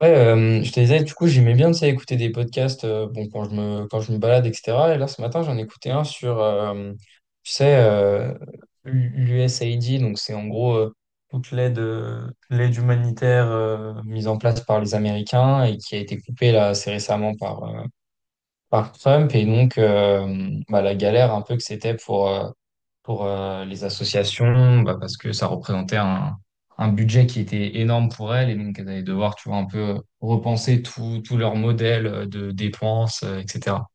Ouais, je te disais, du coup, j'aimais bien, tu sais, écouter des podcasts, bon, quand je me balade, etc. Et là, ce matin, j'en écoutais un sur, tu sais, l'USAID. Donc c'est en gros, toute l'aide, humanitaire, mise en place par les Américains et qui a été coupée là assez récemment par Trump. Et donc, bah, la galère un peu que c'était pour, les associations, bah, parce que ça représentait un budget qui était énorme pour elles, et donc elles allaient devoir, tu vois, un peu repenser tout leur modèle de dépenses, etc.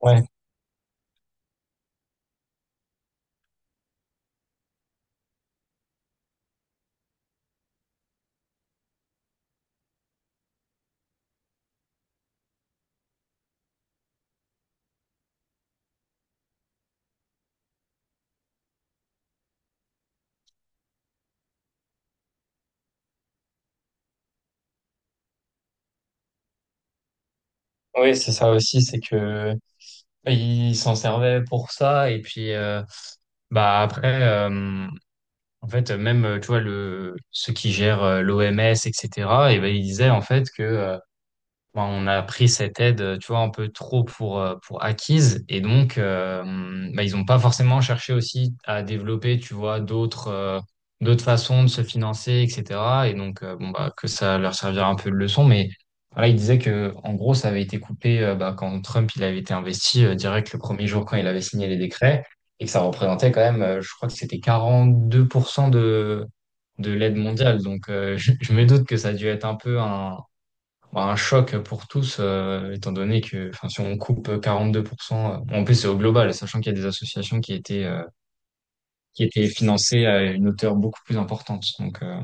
Ouais, ouais, oui, c'est ça aussi, c'est que ils s'en servaient pour ça, et puis, bah après, en fait, même tu vois le ceux qui gèrent l'OMS, etc., et cetera. Et ben ils disaient en fait que, bon, on a pris cette aide, tu vois, un peu trop pour acquise. Et donc, bah, ils n'ont pas forcément cherché aussi à développer, tu vois, d'autres façons de se financer, etc. Et donc, bon, bah, que ça leur servira un peu de leçon. Mais voilà, ils disaient que, en gros, ça avait été coupé, bah, quand Trump il avait été investi, direct le premier jour quand il avait signé les décrets. Et que ça représentait quand même, je crois que c'était 42% de l'aide mondiale. Donc, je me doute que ça a dû être un peu un choc pour tous, étant donné que, enfin, si on coupe 42%, en plus c'est au global, sachant qu'il y a des associations qui étaient financées à une hauteur beaucoup plus importante. Donc,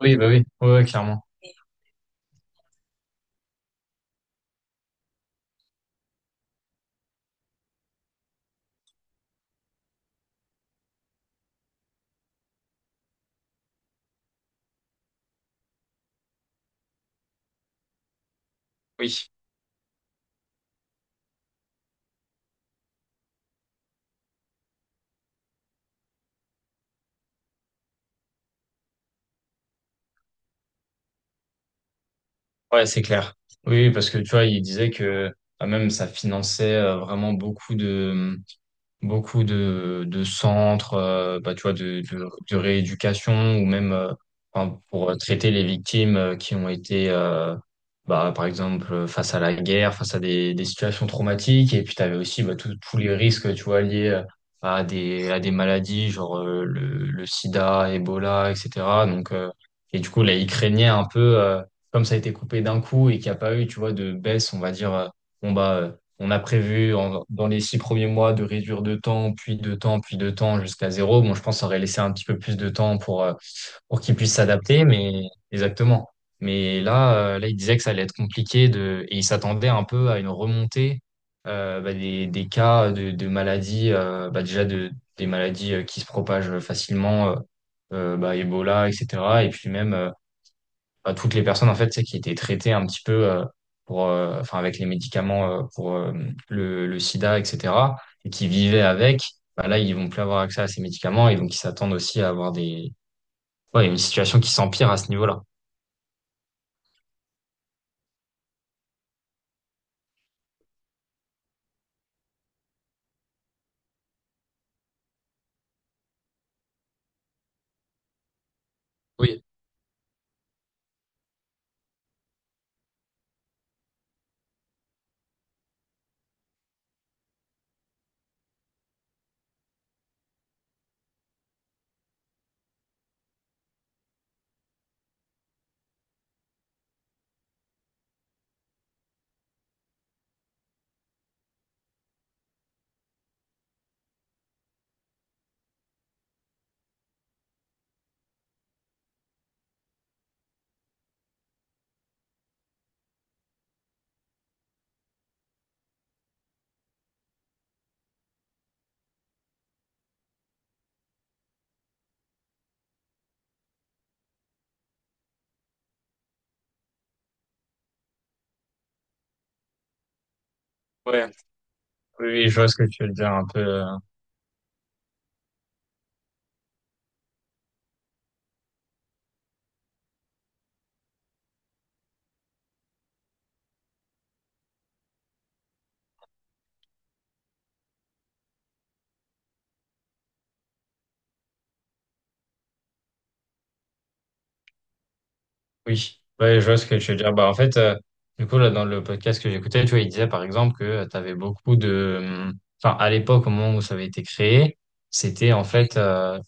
oui, bah oui, ouais, ouais, clairement. Oui, ouais, c'est clair. Oui, parce que tu vois, il disait que, même ça finançait, vraiment beaucoup de centres, bah, tu vois, de rééducation, ou même, enfin, pour, traiter les victimes, qui ont été, bah, par exemple, face à la guerre, face à des situations traumatiques. Et puis, tu avais aussi, bah, tous les risques, tu vois, liés, à à des maladies, genre, le sida, Ebola, etc. Donc, et du coup, là, ils craignaient un peu, comme ça a été coupé d'un coup et qu'il n'y a pas eu, tu vois, de baisse, on va dire. Bon, bah, on a prévu dans les 6 premiers mois de réduire de temps, puis de temps, puis de temps jusqu'à zéro. Bon, je pense qu'on aurait laissé un petit peu plus de temps pour qu'ils puissent s'adapter, mais exactement. Mais là, il disait que ça allait être compliqué de, et il s'attendait un peu à une remontée, bah, des cas de maladies, bah, des maladies, qui se propagent facilement, bah, Ebola, etc. Et puis même, toutes les personnes en fait, tu sais, qui étaient traitées un petit peu, pour, enfin, avec les médicaments, pour, le sida, etc., et qui vivaient avec, bah là, ils vont plus avoir accès à ces médicaments, et donc ils s'attendent aussi à avoir ouais, une situation qui s'empire à ce niveau-là. Oui, ouais, oui, oui, je vois ce que tu veux dire un peu. Oui, ouais, je vois ce que tu veux dire. Bah, en fait, du coup, là, dans le podcast que j'écoutais, tu vois, il disait par exemple que tu avais beaucoup de. Enfin, à l'époque, au moment où ça avait été créé, c'était en fait,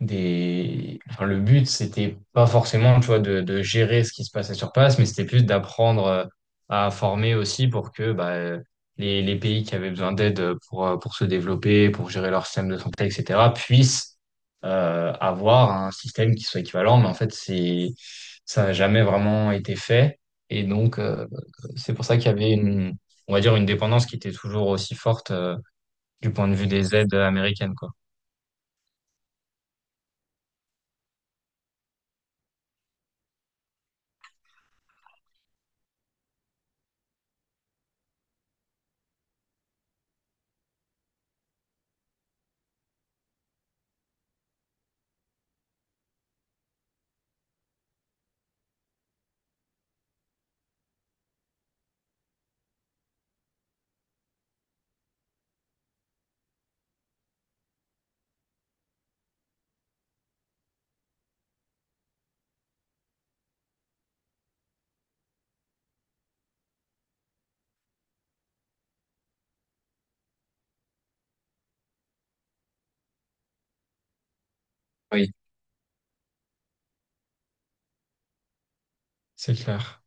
des. Enfin, le but, c'était pas forcément, tu vois, de gérer ce qui se passait sur place, mais c'était plus d'apprendre, à former aussi pour que, bah, les pays qui avaient besoin d'aide, pour se développer, pour gérer leur système de santé, etc., puissent, avoir un système qui soit équivalent. Mais en fait, ça n'a jamais vraiment été fait. Et donc, c'est pour ça qu'il y avait une, on va dire, une dépendance qui était toujours aussi forte, du point de vue des aides américaines, quoi. Oui, c'est clair.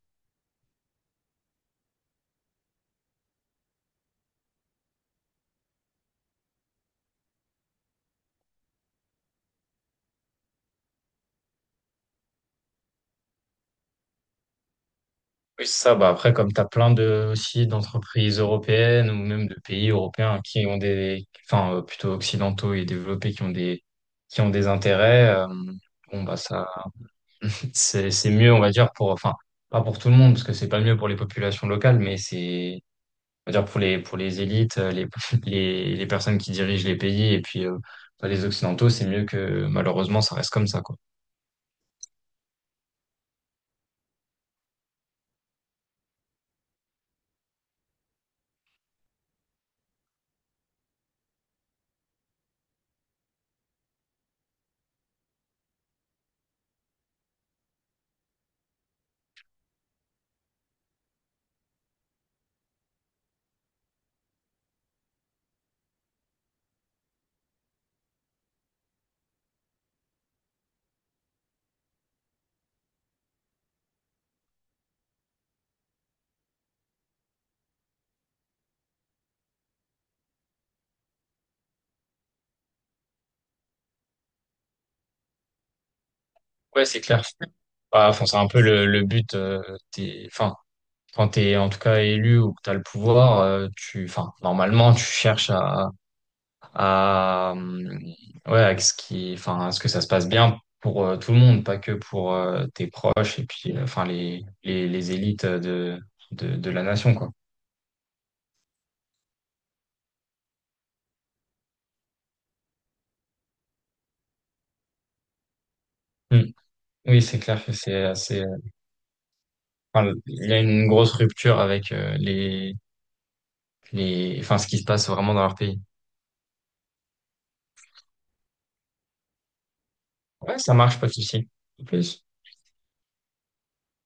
Oui, c'est ça, bah après, comme tu as plein de, aussi d'entreprises européennes ou même de pays européens qui ont des, enfin, plutôt occidentaux et développés qui ont des intérêts, bon, bah, ça, c'est mieux, on va dire, pour, enfin, pas pour tout le monde, parce que c'est pas mieux pour les populations locales, mais c'est, on va dire, pour pour les élites, les personnes qui dirigent les pays, et puis, pour les Occidentaux, c'est mieux que malheureusement, ça reste comme ça, quoi. Ouais, c'est clair. Bah, enfin, c'est un peu le but, enfin, quand t'es en tout cas élu ou que t'as le pouvoir, enfin, normalement, tu cherches à à, euh, ouais, enfin, à ce que ça se passe bien pour, tout le monde, pas que pour, tes proches, et puis, enfin, les élites de la nation, quoi. Mm. Oui, c'est clair que c'est assez, enfin, il y a une grosse rupture avec, enfin, ce qui se passe vraiment dans leur pays. Ouais, ça marche, pas de souci. Plus.